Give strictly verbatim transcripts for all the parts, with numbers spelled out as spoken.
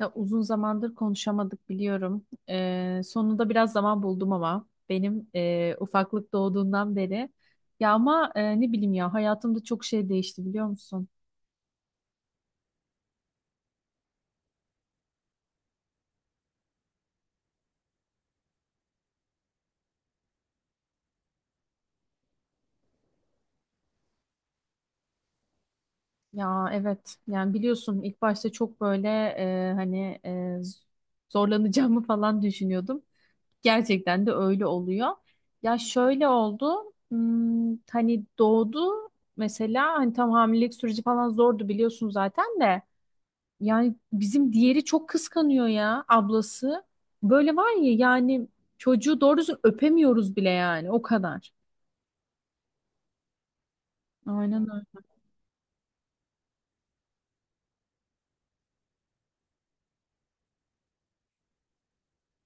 Ya uzun zamandır konuşamadık biliyorum. Ee, sonunda biraz zaman buldum ama benim e, ufaklık doğduğundan beri. Ya ama e, ne bileyim ya hayatımda çok şey değişti biliyor musun? Ya evet yani biliyorsun ilk başta çok böyle e, hani e, z- zorlanacağımı falan düşünüyordum. Gerçekten de öyle oluyor. Ya şöyle oldu hmm, hani doğdu mesela hani tam hamilelik süreci falan zordu biliyorsun zaten de. Yani bizim diğeri çok kıskanıyor ya ablası. Böyle var ya yani çocuğu doğru düzgün öpemiyoruz bile yani o kadar. Aynen öyle.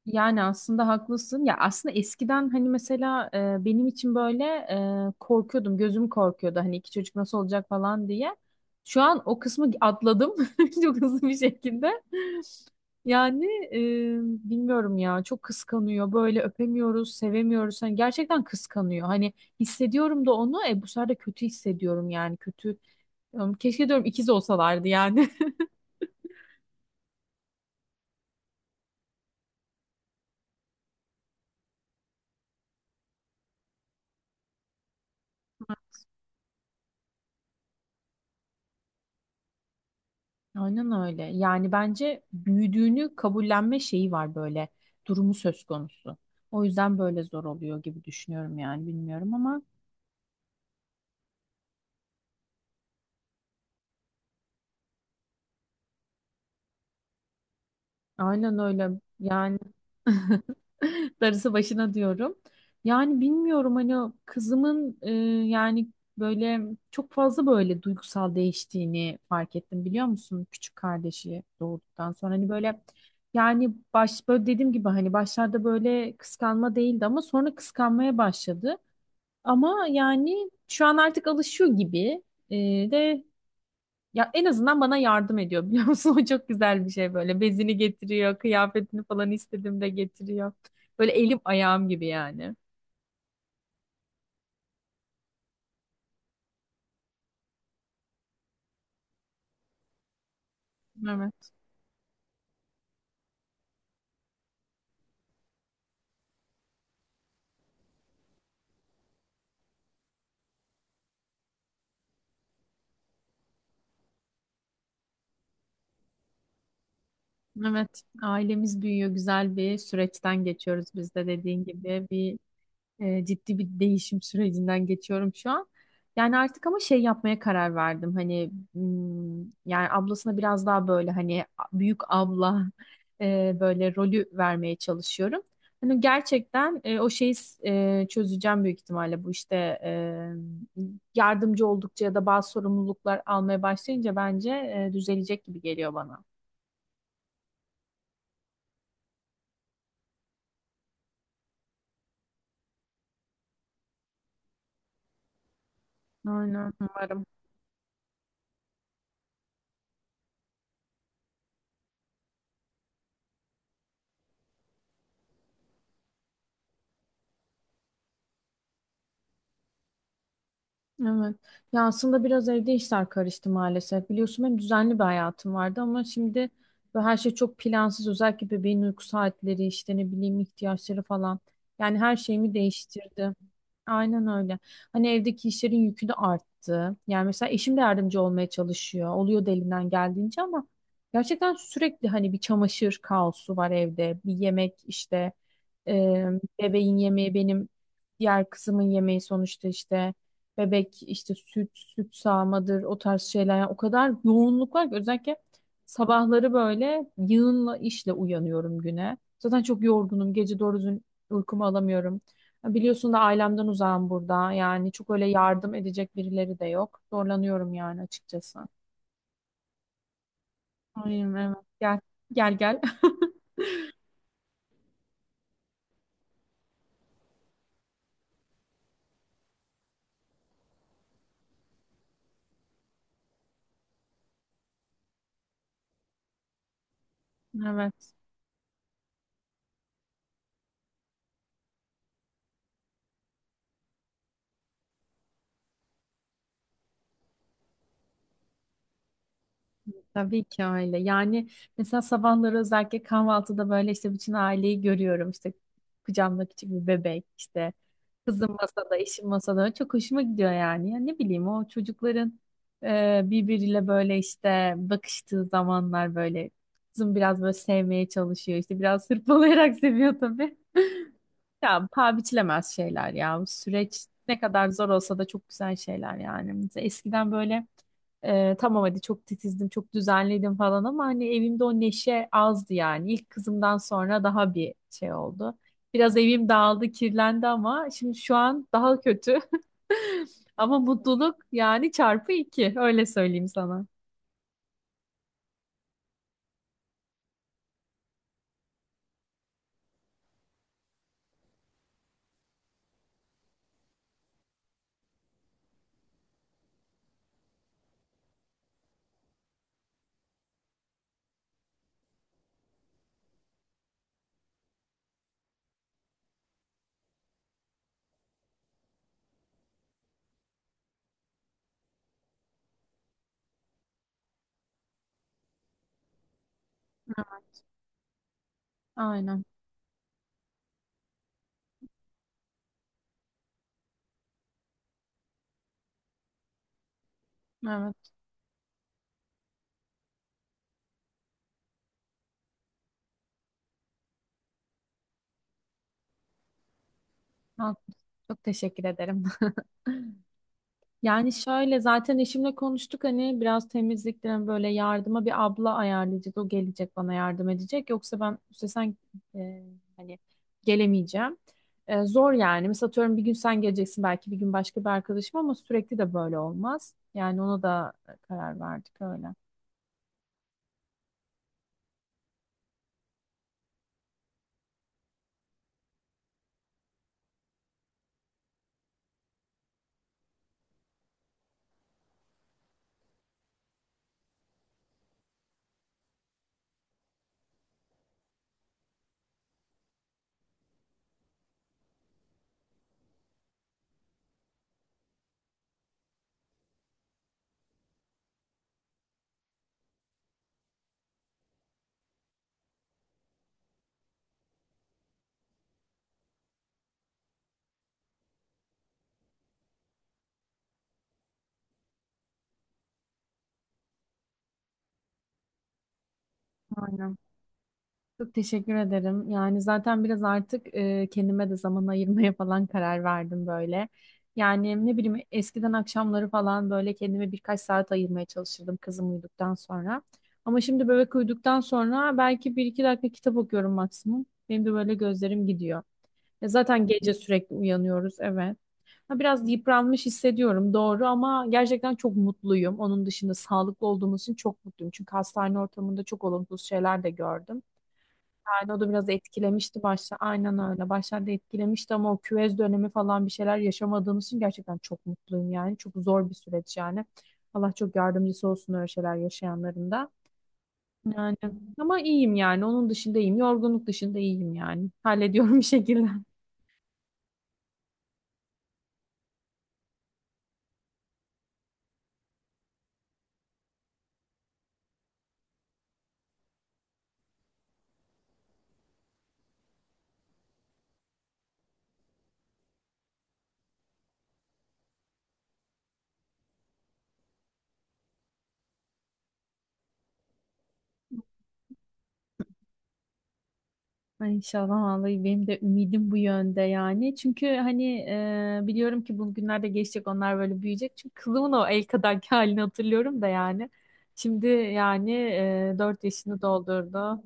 Yani aslında haklısın. Ya aslında eskiden hani mesela e, benim için böyle e, korkuyordum. Gözüm korkuyordu hani iki çocuk nasıl olacak falan diye. Şu an o kısmı atladım çok hızlı bir şekilde. Yani e, bilmiyorum ya çok kıskanıyor. Böyle öpemiyoruz, sevemiyoruz. Hani gerçekten kıskanıyor. Hani hissediyorum da onu. E bu sefer de kötü hissediyorum yani kötü. Keşke diyorum ikiz olsalardı yani. Aynen öyle. Yani bence büyüdüğünü kabullenme şeyi var böyle. Durumu söz konusu. O yüzden böyle zor oluyor gibi düşünüyorum yani bilmiyorum ama aynen öyle. Yani darısı başına diyorum. Yani bilmiyorum hani o kızımın e, yani böyle çok fazla böyle duygusal değiştiğini fark ettim biliyor musun? Küçük kardeşi doğduktan sonra hani böyle yani baş böyle dediğim gibi hani başlarda böyle kıskanma değildi ama sonra kıskanmaya başladı. Ama yani şu an artık alışıyor gibi, Ee, de ya en azından bana yardım ediyor biliyor musun? O çok güzel bir şey böyle. Bezini getiriyor, kıyafetini falan istediğimde getiriyor. Böyle elim ayağım gibi yani. Evet. Evet. Ailemiz büyüyor. Güzel bir süreçten geçiyoruz biz de dediğin gibi. Bir E, ciddi bir değişim sürecinden geçiyorum şu an. Yani artık ama şey yapmaya karar verdim. Hani hmm, yani ablasına biraz daha böyle hani büyük abla e, böyle rolü vermeye çalışıyorum. Hani gerçekten e, o şeyi e, çözeceğim büyük ihtimalle bu işte e, yardımcı oldukça ya da bazı sorumluluklar almaya başlayınca bence e, düzelecek gibi geliyor bana. Aynen. Umarım. Evet. Ya aslında biraz evde işler karıştı maalesef. Biliyorsun benim düzenli bir hayatım vardı ama şimdi böyle her şey çok plansız. Özellikle bebeğin uyku saatleri, işte ne bileyim ihtiyaçları falan. Yani her şeyimi değiştirdi. Aynen öyle. Hani evdeki işlerin yükü de arttı. Yani mesela eşim de yardımcı olmaya çalışıyor. Oluyor da elinden geldiğince ama gerçekten sürekli hani bir çamaşır kaosu var evde. Bir yemek işte e, bebeğin yemeği benim diğer kızımın yemeği sonuçta işte bebek işte süt, süt sağmadır o tarz şeyler. Yani o kadar yoğunluk var ki özellikle sabahları böyle yığınla işle uyanıyorum güne. Zaten çok yorgunum. Gece doğru düzgün uykumu alamıyorum. Ya biliyorsun da ailemden uzağım burada. Yani çok öyle yardım edecek birileri de yok. Zorlanıyorum yani açıkçası. Aynen, evet. Gel gel gel. Evet. Tabii ki öyle. Yani mesela sabahları özellikle kahvaltıda böyle işte bütün aileyi görüyorum. İşte kucağımda küçük bir bebek işte kızım masada, eşim masada. Çok hoşuma gidiyor yani. Ya ne bileyim o çocukların e, birbiriyle böyle işte bakıştığı zamanlar böyle kızım biraz böyle sevmeye çalışıyor. İşte biraz hırpalayarak seviyor tabii. Ya paha biçilemez şeyler ya. Bu süreç ne kadar zor olsa da çok güzel şeyler yani. Mesela eskiden böyle e, tamam hadi çok titizdim, çok düzenledim falan ama hani evimde o neşe azdı yani. İlk kızımdan sonra daha bir şey oldu. Biraz evim dağıldı, kirlendi ama şimdi şu an daha kötü. Ama mutluluk yani çarpı iki. Öyle söyleyeyim sana. Aynen. Evet. Ha, çok teşekkür ederim. Yani şöyle zaten eşimle konuştuk hani biraz temizlikten böyle yardıma bir abla ayarlayacağız. O gelecek bana yardım edecek. Yoksa ben üstesen e, hani gelemeyeceğim. E, zor yani. Mesela atıyorum bir gün sen geleceksin, belki bir gün başka bir arkadaşım ama sürekli de böyle olmaz. Yani ona da karar verdik öyle. Aynen. Çok teşekkür ederim. Yani zaten biraz artık e, kendime de zaman ayırmaya falan karar verdim böyle. Yani ne bileyim eskiden akşamları falan böyle kendime birkaç saat ayırmaya çalışırdım kızım uyuduktan sonra. Ama şimdi bebek uyuduktan sonra belki bir iki dakika kitap okuyorum maksimum. Benim de böyle gözlerim gidiyor. Ya zaten gece sürekli uyanıyoruz, evet. Ha, biraz yıpranmış hissediyorum doğru ama gerçekten çok mutluyum. Onun dışında sağlıklı olduğumuz için çok mutluyum. Çünkü hastane ortamında çok olumsuz şeyler de gördüm. Yani o da biraz etkilemişti başta. Aynen öyle. Başlarda etkilemişti ama o küvez dönemi falan bir şeyler yaşamadığımız için gerçekten çok mutluyum yani. Çok zor bir süreç yani. Allah çok yardımcısı olsun öyle şeyler yaşayanların da. Yani ama iyiyim yani. Onun dışında iyiyim. Yorgunluk dışında iyiyim yani. Hallediyorum bir şekilde. Ay, İnşallah vallahi benim de ümidim bu yönde yani. Çünkü hani e, biliyorum ki bu günlerde geçecek, onlar böyle büyüyecek. Çünkü kızımın o el kadarki halini hatırlıyorum da yani. Şimdi yani e, dört yaşını doldurdu.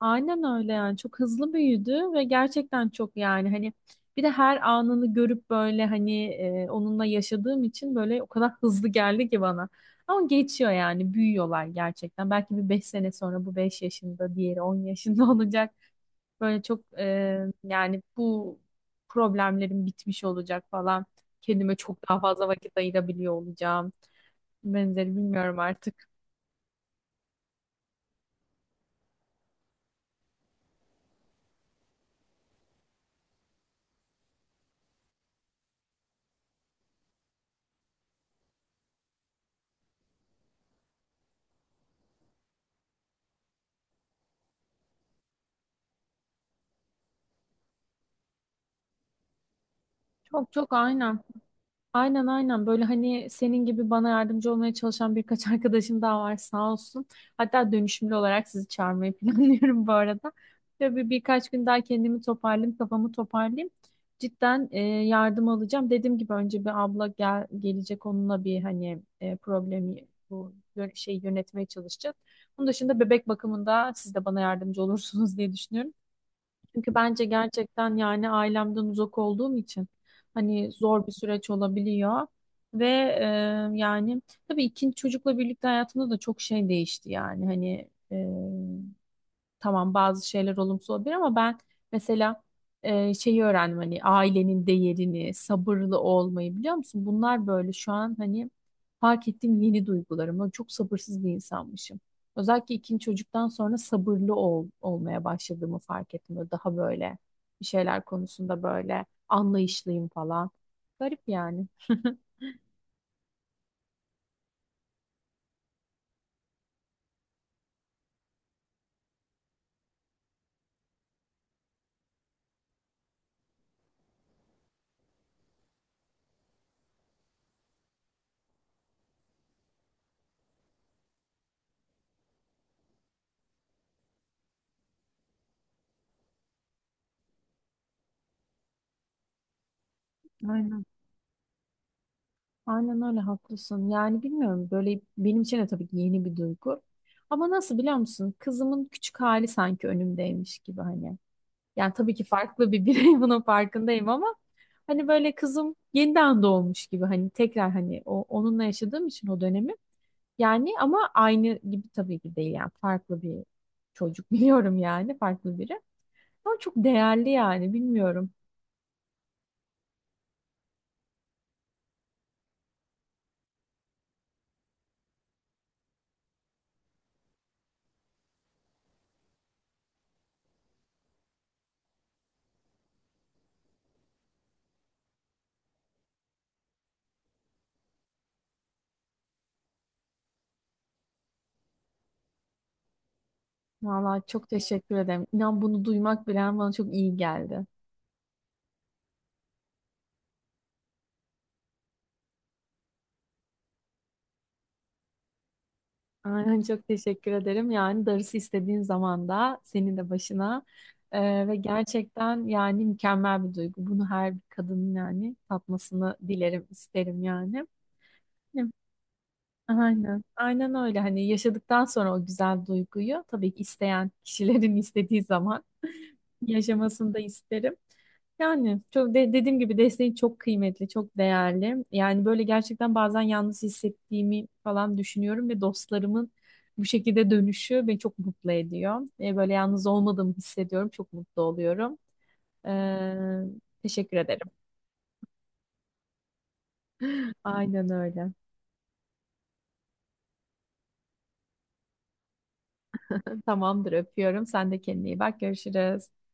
Aynen öyle yani çok hızlı büyüdü ve gerçekten çok yani hani bir de her anını görüp böyle hani e, onunla yaşadığım için böyle o kadar hızlı geldi ki bana. Ama geçiyor yani büyüyorlar gerçekten. Belki bir beş sene sonra bu beş yaşında, diğeri on yaşında olacak. Böyle çok e, yani bu problemlerim bitmiş olacak falan. Kendime çok daha fazla vakit ayırabiliyor olacağım. Benzeri bilmiyorum artık. Çok çok aynen. Aynen aynen böyle hani senin gibi bana yardımcı olmaya çalışan birkaç arkadaşım daha var sağ olsun. Hatta dönüşümlü olarak sizi çağırmayı planlıyorum bu arada. Ve bir, birkaç gün daha kendimi toparlayayım, kafamı toparlayayım. Cidden e, yardım alacağım. Dediğim gibi önce bir abla gel, gelecek, onunla bir hani e, problemi bu yön- şeyi yönetmeye çalışacağız. Bunun dışında bebek bakımında siz de bana yardımcı olursunuz diye düşünüyorum. Çünkü bence gerçekten yani ailemden uzak olduğum için hani zor bir süreç olabiliyor. Ve e, yani tabii ikinci çocukla birlikte hayatımda da çok şey değişti yani hani e, tamam bazı şeyler olumsuz olabilir ama ben mesela e, şeyi öğrendim hani ailenin değerini, sabırlı olmayı biliyor musun? Bunlar böyle şu an hani fark ettiğim yeni duygularım. Ben çok sabırsız bir insanmışım. Özellikle ikinci çocuktan sonra sabırlı ol, olmaya başladığımı fark ettim. Böyle daha böyle bir şeyler konusunda böyle anlayışlıyım falan. Garip yani. Aynen. Aynen öyle haklısın. Yani bilmiyorum, böyle benim için de tabii ki yeni bir duygu. Ama nasıl biliyor musun? Kızımın küçük hali sanki önümdeymiş gibi hani. Yani tabii ki farklı bir birey bunun farkındayım ama hani böyle kızım yeniden doğmuş gibi, hani tekrar hani o onunla yaşadığım için o dönemi. Yani ama aynı gibi tabii ki değil, yani farklı bir çocuk biliyorum yani, farklı biri. Ama çok değerli yani, bilmiyorum. Vallahi çok teşekkür ederim. İnan bunu duymak bile bana çok iyi geldi. Aynen çok teşekkür ederim. Yani darısı istediğin zaman da senin de başına. Ee, ve gerçekten yani mükemmel bir duygu. Bunu her bir kadının yani tatmasını dilerim, isterim yani. Değil mi? Aynen. Aynen öyle. Hani yaşadıktan sonra o güzel duyguyu tabii ki isteyen kişilerin istediği zaman yaşamasını da isterim. Yani çok de- dediğim gibi desteği çok kıymetli, çok değerli. Yani böyle gerçekten bazen yalnız hissettiğimi falan düşünüyorum ve dostlarımın bu şekilde dönüşü beni çok mutlu ediyor. E, böyle yalnız olmadığımı hissediyorum, çok mutlu oluyorum. Ee, teşekkür ederim. Aynen öyle. Tamamdır, öpüyorum. Sen de kendine iyi bak. Görüşürüz.